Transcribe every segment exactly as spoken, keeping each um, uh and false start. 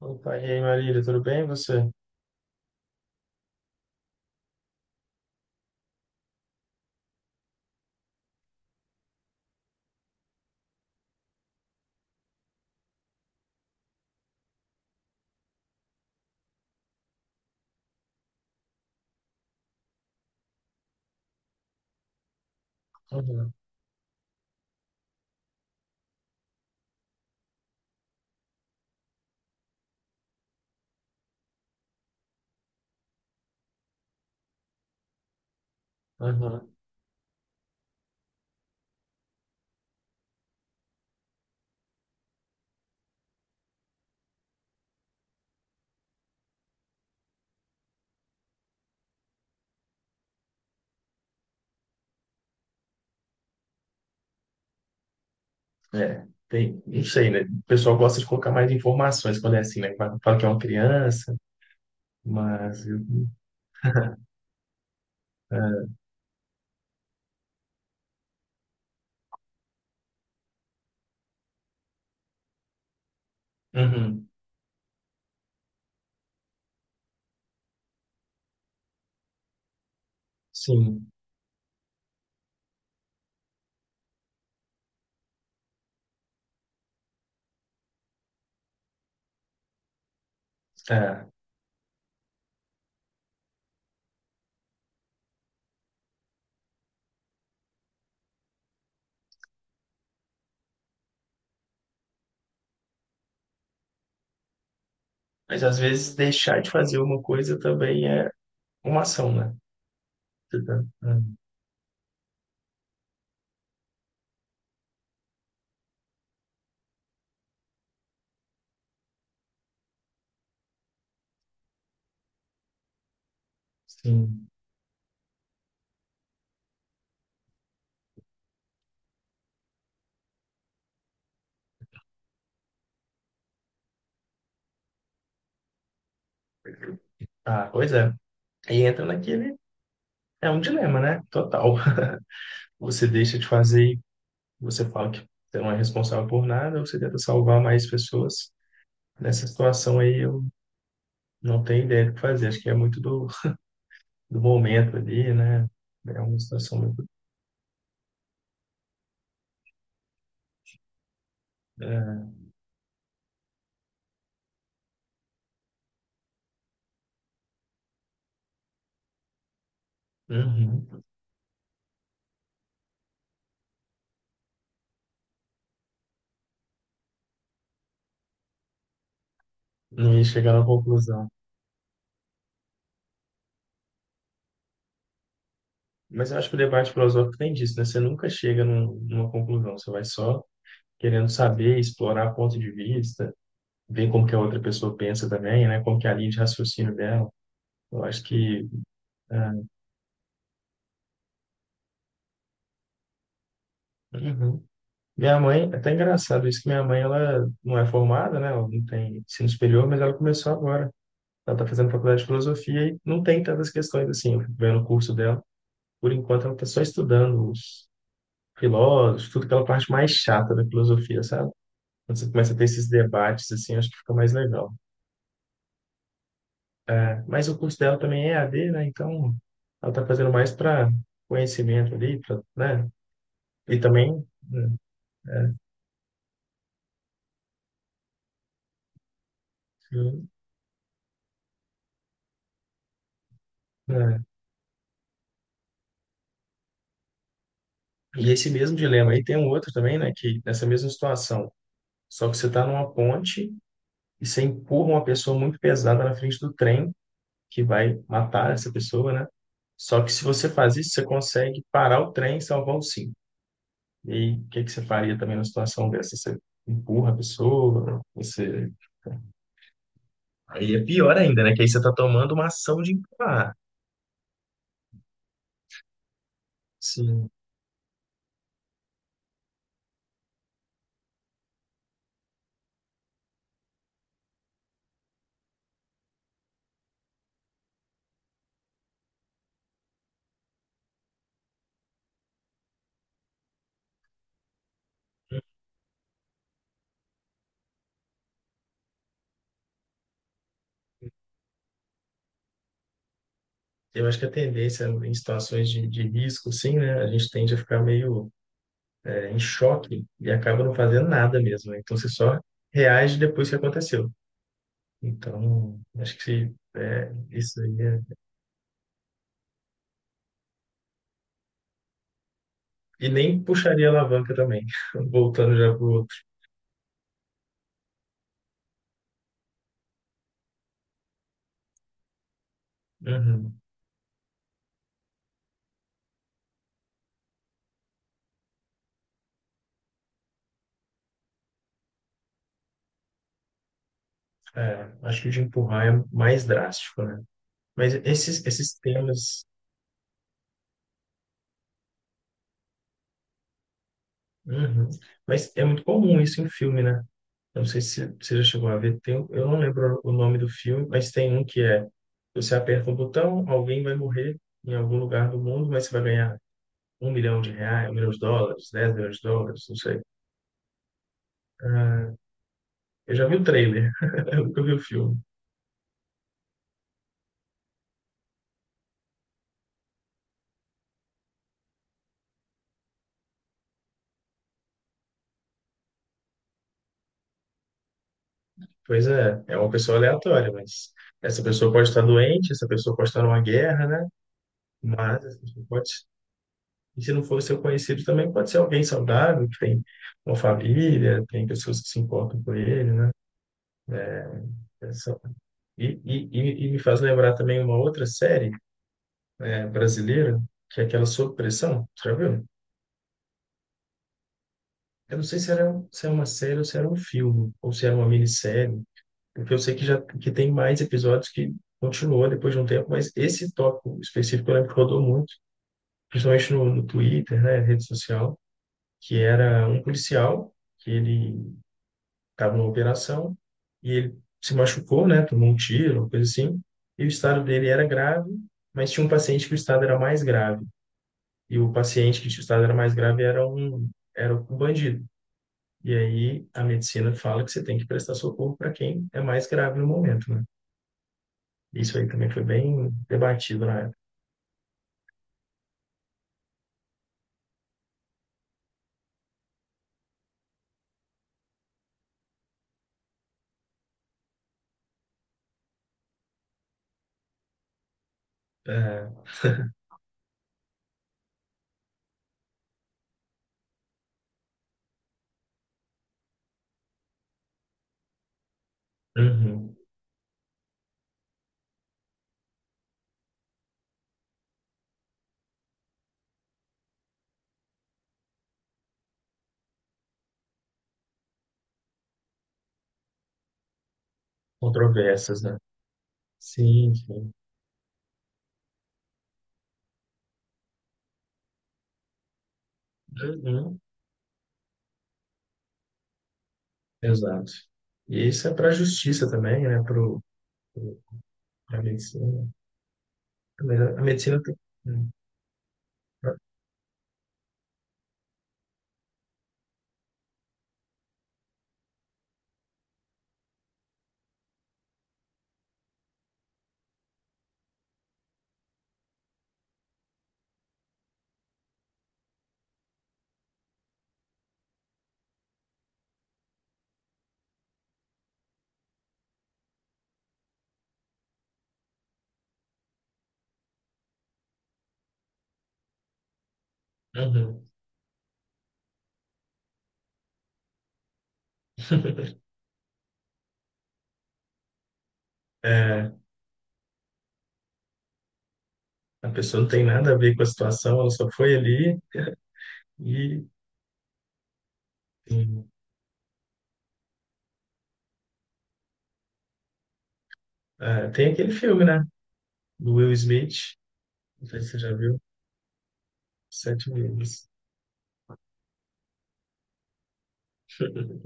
Opa, e aí, Marília, tudo bem? E você? Uhum. Uhum. É, tem, não sei, né? O pessoal gosta de colocar mais informações quando é assim, né? Fala fala que é uma criança, mas eu- é. Uhum. Sim. É. Mas às vezes deixar de fazer uma coisa também é uma ação, né? Você tá- Uhum. Sim. Ah, pois é. Aí entra naquele. É um dilema, né? Total. Você deixa de fazer e você fala que você não é responsável por nada, você tenta salvar mais pessoas. Nessa situação aí, não tem ideia do que fazer. Acho que é muito do, do momento ali, né? É uma situação muito. É. Uhum. Não ia chegar na conclusão. Mas eu acho que o debate filosófico tem disso, né? Você nunca chega num- numa conclusão, você vai só querendo saber, explorar ponto de vista, ver como que a outra pessoa pensa também, né? Como que é a linha de raciocínio dela. Eu acho que. É. Uhum. Minha mãe, é até engraçado isso que minha mãe, ela não é formada, né? Ela não tem ensino superior, mas ela começou agora. Ela está fazendo faculdade de filosofia e não tem tantas questões assim. Eu fico vendo o curso dela. Por enquanto, ela está só estudando os filósofos, tudo aquela parte mais chata da filosofia, sabe? Quando você começa a ter esses debates, assim, acho que fica mais legal. Né? Mas o curso dela também é E a d, né? Então, ela está fazendo mais para conhecimento ali, pra, né? E também, né? Né? E esse mesmo dilema aí tem um outro também, né? Que nessa mesma situação, só que você está numa ponte e você empurra uma pessoa muito pesada na frente do trem que vai matar essa pessoa, né? Só que se você faz isso, você consegue parar o trem e salvar os cinco. E o que que você faria também numa situação dessa? Você empurra a pessoa, você... Aí é pior ainda, né? Que aí você está tomando uma ação de empurrar. Sim. Eu acho que a tendência em situações de, de risco, sim, né? A gente tende a ficar meio é, em choque e acaba não fazendo nada mesmo, né? Então você só reage depois que aconteceu. Então, acho que é, isso aí é E nem puxaria a alavanca também, voltando já para o outro. Uhum. É, acho que o de empurrar é mais drástico, né? Mas esses, esses temas. Uhum. Mas é muito comum isso em filme, né? Eu não sei se você já chegou a ver. Tem, um- eu não lembro o nome do filme, mas tem um que é: você aperta um botão, alguém vai morrer em algum lugar do mundo, mas você vai ganhar um milhão de reais, um milhão de dólares, dez milhões de dólares, não sei. Ah, eu já vi o trailer, eu nunca vi o filme. Pois é, é uma pessoa aleatória, mas essa pessoa pode estar doente, essa pessoa pode estar numa guerra, né? Mas essa pessoa pode, e se não for seu conhecido, também pode ser alguém saudável, que tem uma família, tem pessoas que se importam com ele, né? Essa- E, e, e e me faz lembrar também uma outra série eh, brasileira, que é aquela Sob Pressão, você já viu? Eu não sei se era, um- se é uma série ou se era um filme, ou se era uma minissérie, porque eu sei que já que tem mais episódios que continuou depois de um tempo, mas esse tópico específico eu lembro que rodou muito, principalmente no, no Twitter, né, rede social, que era um policial que ele estava numa operação e ele se machucou, né, tomou um tiro, uma coisa assim, e o estado dele era grave, mas tinha um paciente que o estado era mais grave, e o paciente que o estado era mais grave era um era um bandido. E aí a medicina fala que você tem que prestar socorro para quem é mais grave no momento, né? Isso aí também foi bem debatido na época. É. Uhum. Controvérsias, né? Sim, sim. Uhum. Exato. E isso é para a justiça também, né? Para a medicina. Mas a a medicina tem. Uhum. É, a pessoa não tem nada a ver com a situação, ela só foi ali e Sim. É, tem aquele filme, né? Do Will Smith, não sei se você já viu, Sete Vidas.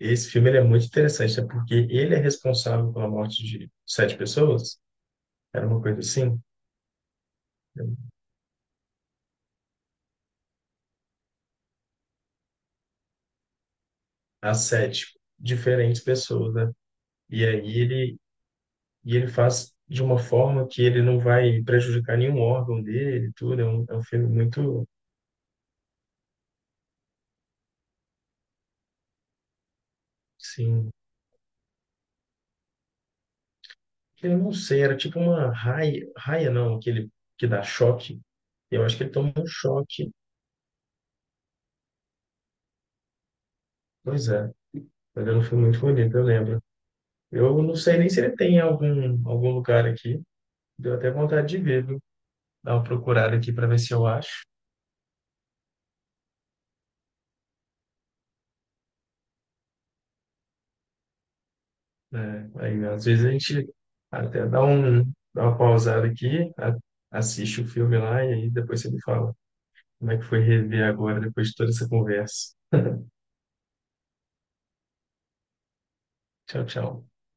Esse filme ele é muito interessante, né? Porque ele é responsável pela morte de sete pessoas. Era uma coisa assim, as sete diferentes pessoas, né? E aí ele e ele faz de uma forma que ele não vai prejudicar nenhum órgão dele, e tudo. É um, é um filme muito, assim, que eu não sei, era tipo uma raia, raia não, aquele que dá choque. Eu acho que ele toma um choque. Pois é, mas era um filme muito bonito, eu lembro. Eu não sei nem se ele tem algum algum lugar aqui. Deu até vontade de ver, viu? Dar uma procurada aqui para ver se eu acho. Né? Aí, às vezes a gente até dá um, dá uma pausada aqui, a- assiste o filme lá e aí depois você me fala como é que foi rever agora depois de toda essa conversa. Tchau, tchau.